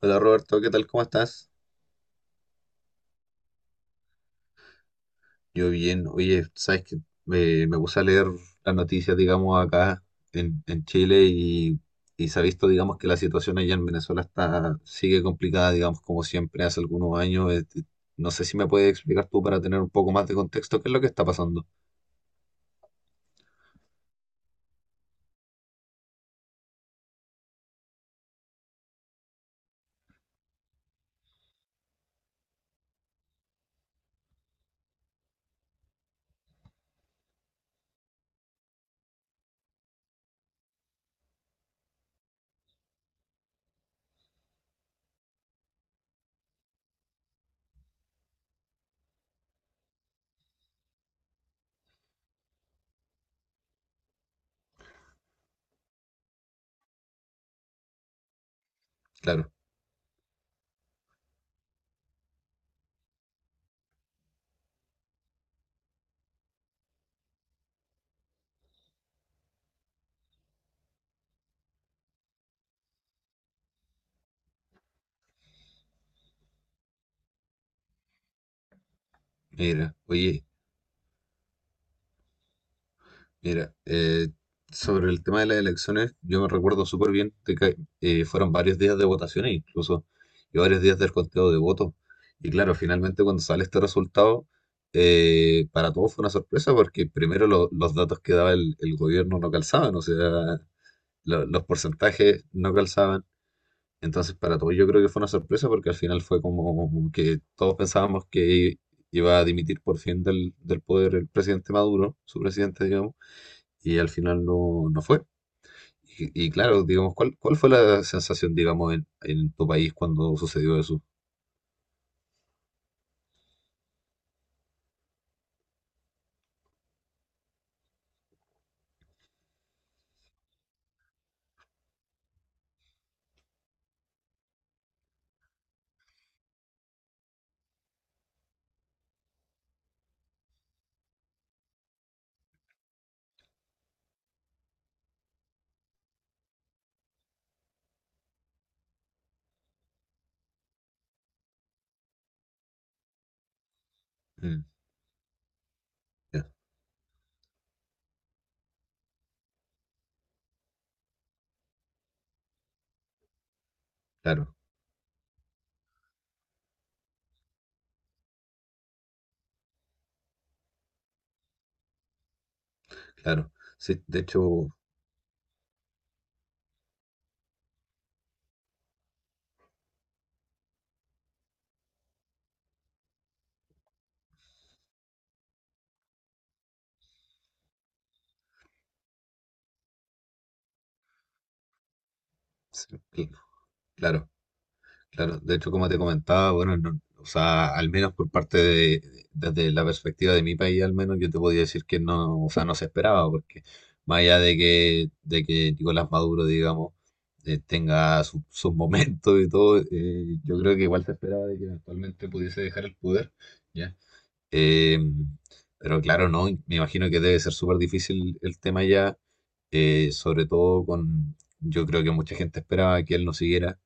Hola Roberto, ¿qué tal? ¿Cómo estás? Yo bien. Oye, sabes que me puse a leer las noticias, digamos, acá en Chile y se ha visto, digamos, que la situación allá en Venezuela está, sigue complicada, digamos, como siempre hace algunos años. No sé si me puedes explicar tú para tener un poco más de contexto qué es lo que está pasando. Claro, mira, oye. Mira, sobre el tema de las elecciones, yo me recuerdo súper bien de que fueron varios días de votaciones incluso, y varios días del conteo de votos. Y claro, finalmente cuando sale este resultado, para todos fue una sorpresa porque primero los datos que daba el gobierno no calzaban, o sea, los porcentajes no calzaban. Entonces para todos yo creo que fue una sorpresa porque al final fue como que todos pensábamos que iba a dimitir por fin del poder el presidente Maduro, su presidente, digamos, y al final no, no fue. Y claro, digamos, ¿cuál fue la sensación, digamos, en tu país cuando sucedió eso? Mm, ya, claro, claro. Sí, de hecho, sí, cl- claro. Claro, de hecho, como te comentaba, bueno, o sea, al menos por parte de, desde la perspectiva de mi país, al menos yo te podía decir que no, o sea, no se esperaba, porque más allá de que Nicolás Maduro, digamos, tenga sus momentos y todo, yo creo que igual se esperaba de que eventualmente pudiese dejar el poder, ¿ya? Eh, pero claro, no, me imagino que debe ser súper difícil el tema ya, sobre todo con, yo creo que mucha gente esperaba que él no siguiera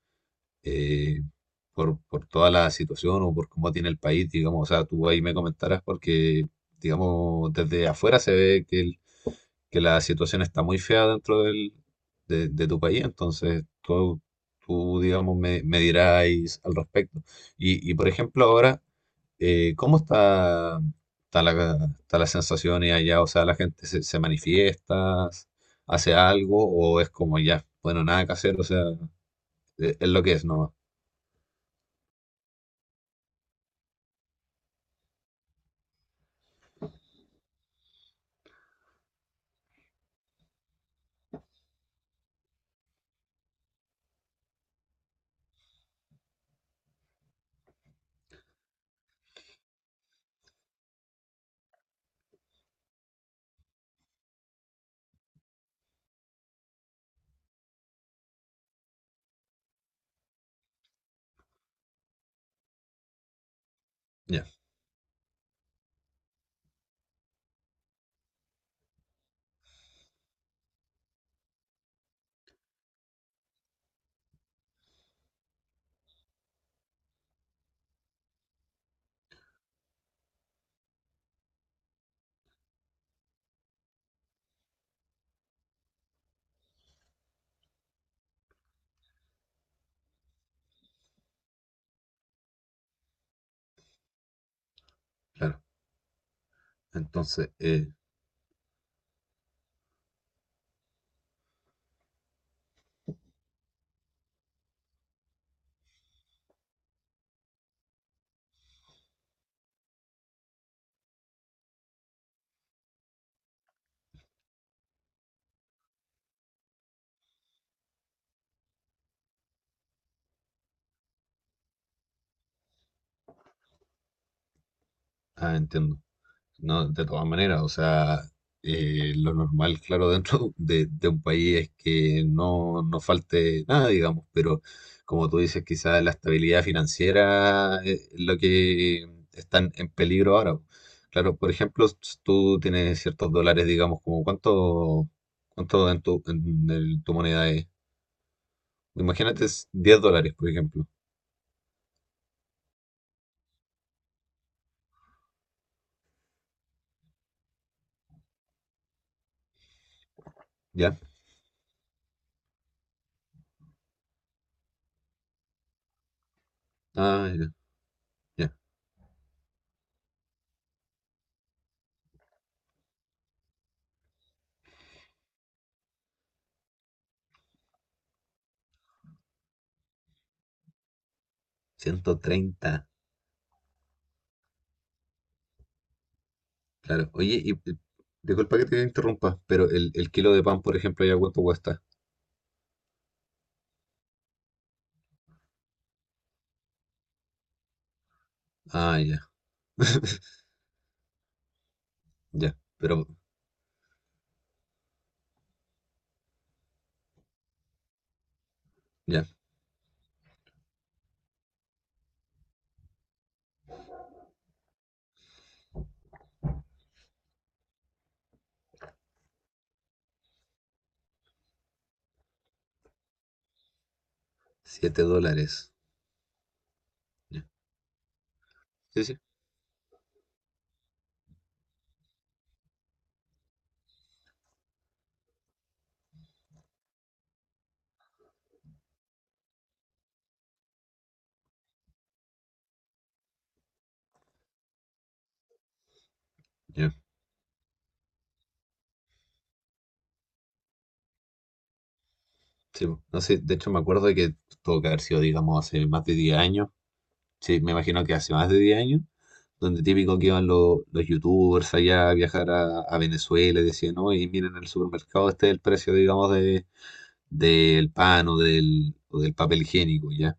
eh, por toda la situación o por cómo tiene el país, digamos, o sea, tú ahí me comentarás porque, digamos, desde afuera se ve que, que la situación está muy fea dentro del, de tu país, entonces tú digamos, me dirás al respecto. Y, por ejemplo, ahora, ¿cómo está la sensación allá? O sea, ¿la gente se manifiesta, hace algo o es como ya, bueno, nada que hacer, o sea, es lo que es, ¿no? Ya, claro. Entonces, ah, entiendo. No, de todas maneras, o sea, lo normal, claro, dentro de un país es que no, no falte nada, digamos, pero como tú dices, quizás la estabilidad financiera es lo que está en peligro ahora. Claro, por ejemplo, tú tienes ciertos dólares, digamos, como cuánto en tu moneda es. Imagínate es 10 dólares, por ejemplo, ¿ya? Ah, ya, ya. 130. Claro. Oye, y disculpa que te interrumpa, pero el kilo de pan, por ejemplo, ¿ya cuánto cuesta? Ah, ya. Ya, pero ya, 7 dólares. Ya. Sí, sí. Ya. Sí, po. No sé, de hecho me acuerdo de que tuvo que haber sido, digamos, hace más de 10 años. Sí, me imagino que hace más de 10 años, donde típico que iban los youtubers allá a viajar a Venezuela y decían, no, y miren en el supermercado, este es el precio, digamos, del pan o del papel higiénico, ya.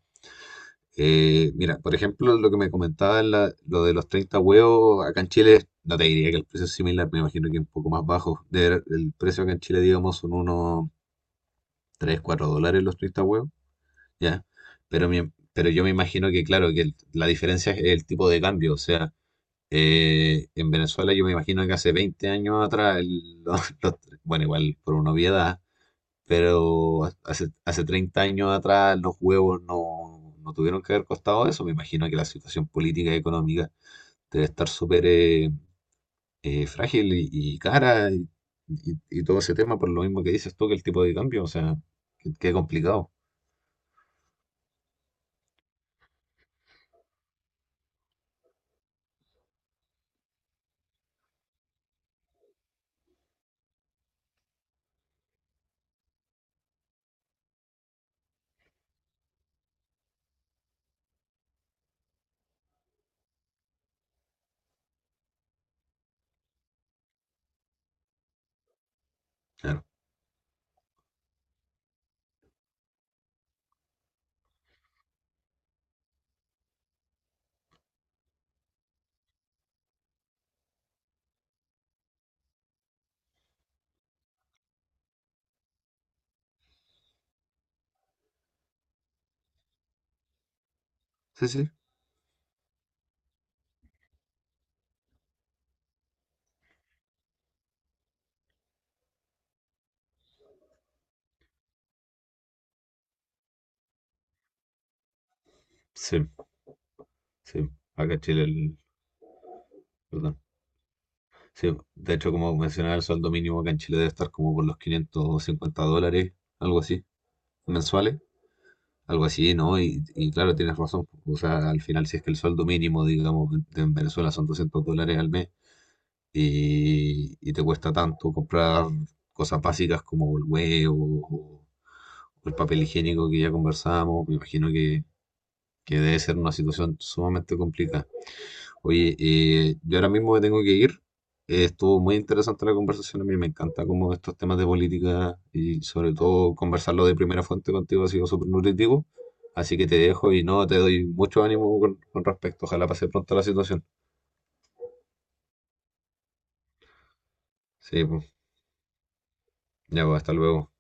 Mira, por ejemplo, lo que me comentaba lo de los 30 huevos, acá en Chile, no te diría que el precio es similar, me imagino que un poco más bajo. El precio acá en Chile, digamos, son unos 3, 4 dólares los 30 huevos, ¿ya? Pero, pero yo me imagino que, claro, que la diferencia es el tipo de cambio. O sea, en Venezuela yo me imagino que hace 20 años atrás, bueno, igual por una obviedad, pero hace 30 años atrás los huevos no, no tuvieron que haber costado eso. Me imagino que la situación política y económica debe estar súper frágil y cara y todo ese tema por lo mismo que dices tú que el tipo de cambio, o sea, qué complicado. Claro. Sí, sí. Sí, sí. Acá en Chile, perdón. Sí, de hecho, como mencionaba, el sueldo mínimo acá en Chile debe estar como por los 550 dólares, algo así, mensuales. Algo así, ¿no? Y claro, tienes razón. O sea, al final, si es que el sueldo mínimo, digamos, en Venezuela son 200 dólares al mes y te cuesta tanto comprar cosas básicas como el huevo o o el papel higiénico que ya conversábamos, me imagino que debe ser una situación sumamente complicada. Oye, yo ahora mismo me tengo que ir. Estuvo muy interesante la conversación. A mí me encanta como estos temas de política y sobre todo conversarlo de primera fuente contigo ha sido súper nutritivo. Así que te dejo y no, te doy mucho ánimo con respecto. Ojalá pase pronto la situación. Sí, pues, ya, pues, hasta luego.